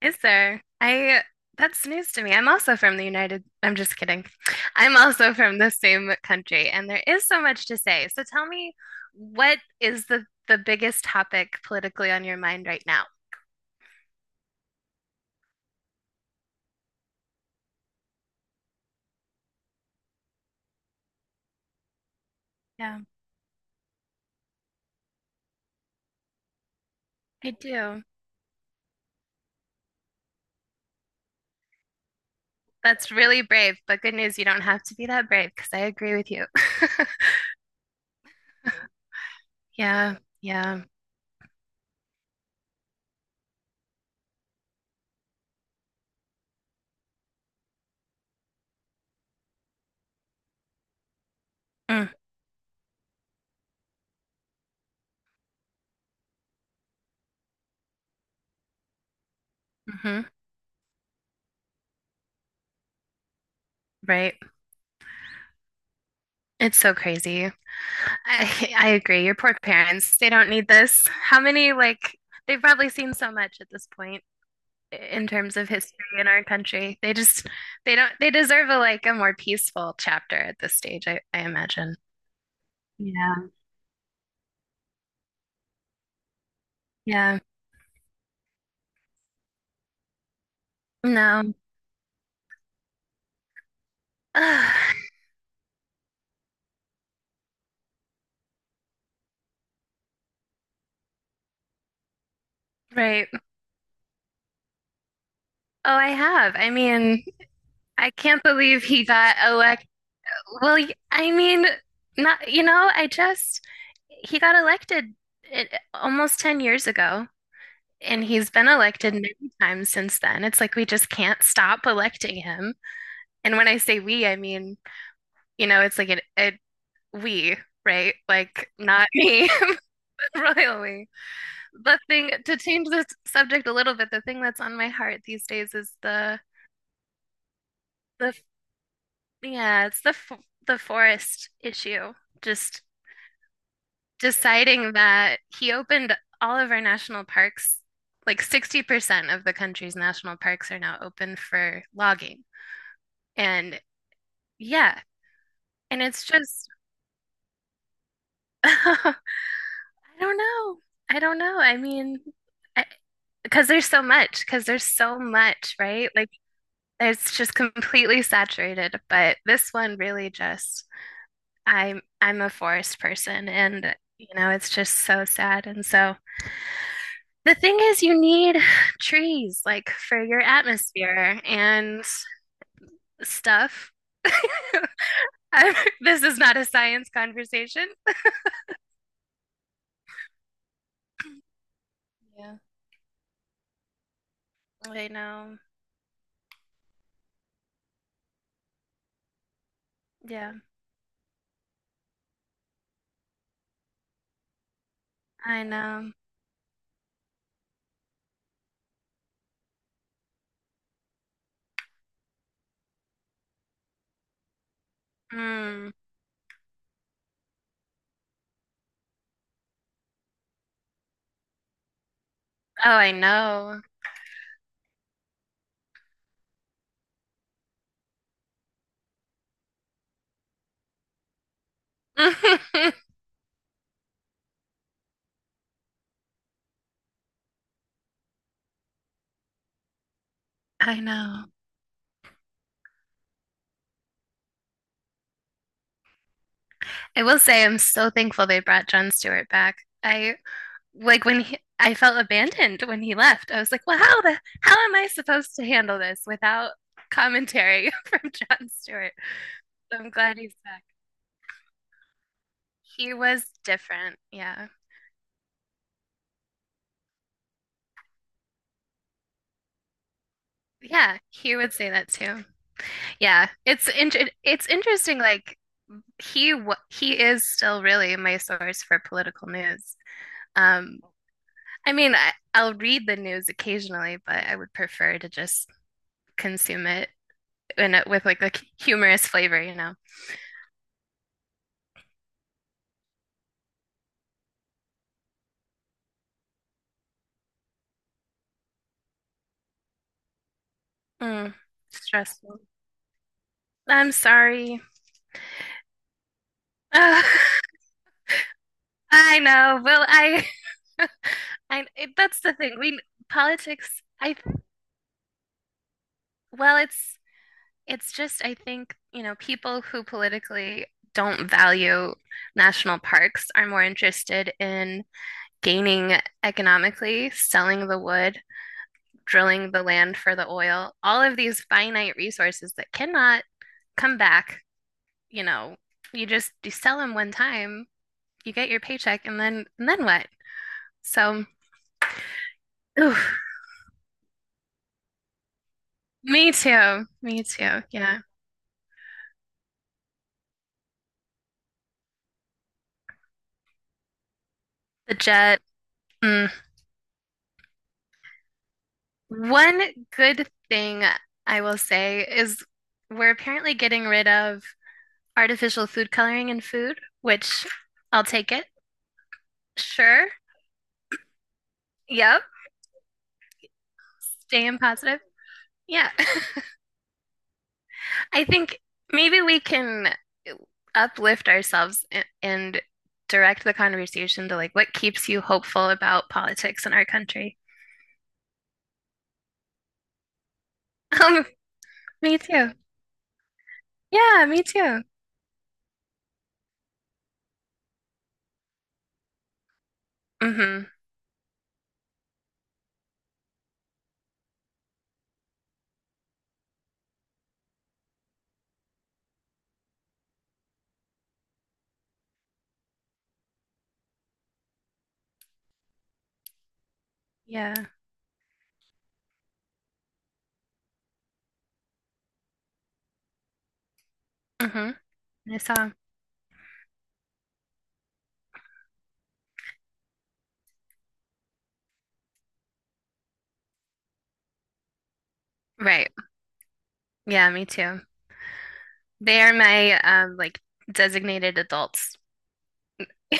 Is there? I that's news to me. I'm also from the United. I'm just kidding. I'm also from the same country, and there is so much to say. So tell me, what is the biggest topic politically on your mind right now? Yeah, I do. That's really brave, but good news, you don't have to be that brave because I agree with you. Yeah, yeah. Mm, hmm. Right. It's so crazy. I I agree. Your poor parents, they don't need this. How many like they've probably seen so much at this point in terms of history in our country. They just they don't they deserve a like a more peaceful chapter at this stage, I imagine. Yeah. Yeah. No. Ugh, right. Oh, I have. I mean, I can't believe he got elect. Well, I mean, not, you know, I just he got elected it, almost 10 years ago. And he's been elected many times since then. It's like we just can't stop electing him. And when I say we, I mean, you know, it's like a we, right? Like not me, royal we. The thing to change this subject a little bit, the thing that's on my heart these days is the yeah, it's the forest issue. Just deciding that he opened all of our national parks, like 60% of the country's national parks are now open for logging. And yeah, and it's just I don't know. I don't know. I mean, I, because there's so much, right? Like it's just completely saturated, but this one really just I'm a forest person and you know, it's just so sad. And so the thing is you need trees like for your atmosphere and stuff. I'm- This is not a science conversation. Yeah. I know. Yeah. I know. Mm. Oh, I know. I know. I will say I'm so thankful they brought Jon Stewart back. I like when he, I felt abandoned when he left. I was like, well, how am I supposed to handle this without commentary from Jon Stewart? So I'm glad he's back. He was different. Yeah. Yeah, he would say that too. Yeah, it's inter it's interesting. Like he is still really my source for political news. Um, I mean, I'll read the news occasionally, but I would prefer to just consume it in with like a humorous flavor, you know. Mm, stressful. I'm sorry. Ugh, I know. Well, I that's the thing. We politics. I well, it's just I think you know people who politically don't value national parks are more interested in gaining economically, selling the wood, drilling the land for the oil, all of these finite resources that cannot come back, you know, you sell them one time, you get your paycheck, and then what? So, oof, me too, me too. Yeah, the jet. Mm. One good thing I will say is we're apparently getting rid of artificial food coloring in food, which I'll take it. Sure. Yep. Staying positive. Yeah. I think maybe we can uplift ourselves and direct the conversation to like what keeps you hopeful about politics in our country. Um, me too. Yeah, me too. Mm-hmm. Yeah. Mm-hmm. I saw. Right. Yeah, me too. They are my like designated adults. I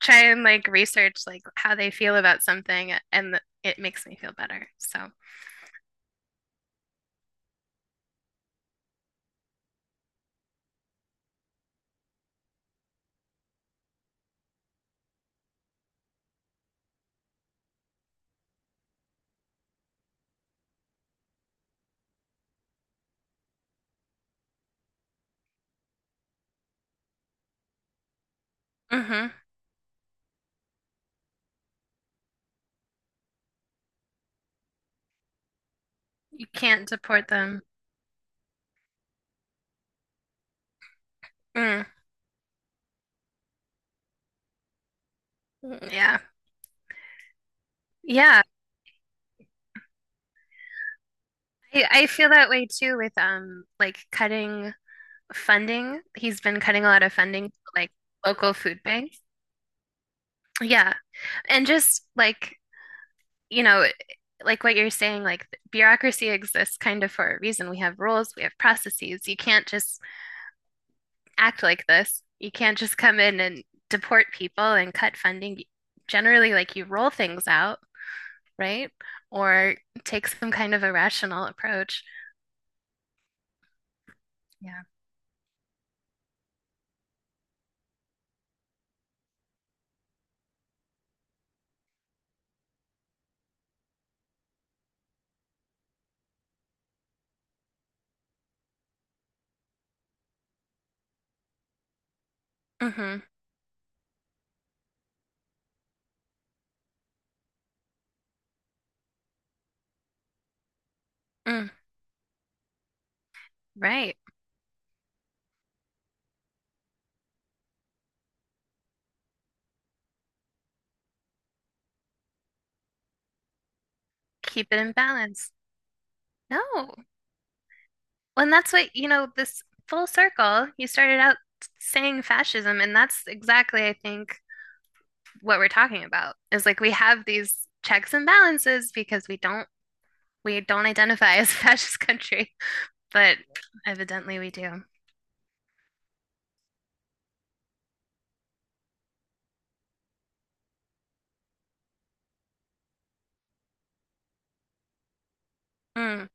try and like research like how they feel about something and it makes me feel better. So, hmm. You can't deport them. Mm. Yeah. Yeah, I feel that way too with like cutting funding. He's been cutting a lot of funding to like local food banks. Yeah. And just like, you know, like what you're saying, like bureaucracy exists kind of for a reason. We have rules, we have processes. You can't just act like this. You can't just come in and deport people and cut funding. Generally, like you roll things out, right? Or take some kind of a rational approach. Yeah. Mm-hmm. Mm, right. Keep it in balance. No. Well, and that's what, you know, this full circle, you started out saying fascism, and that's exactly, I think, what we're talking about is like we have these checks and balances because we don't identify as a fascist country, but evidently we do. Mm.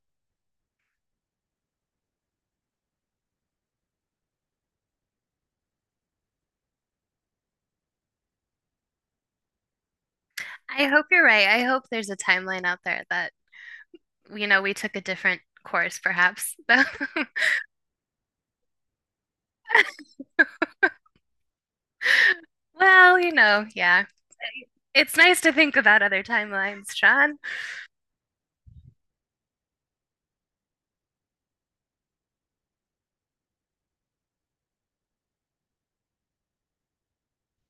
I hope you're right. I hope there's a timeline out there that, you know, we took a different course, perhaps. Well, you know, yeah. It's nice to think about other timelines, Sean.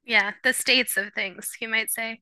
Yeah, the states of things, you might say.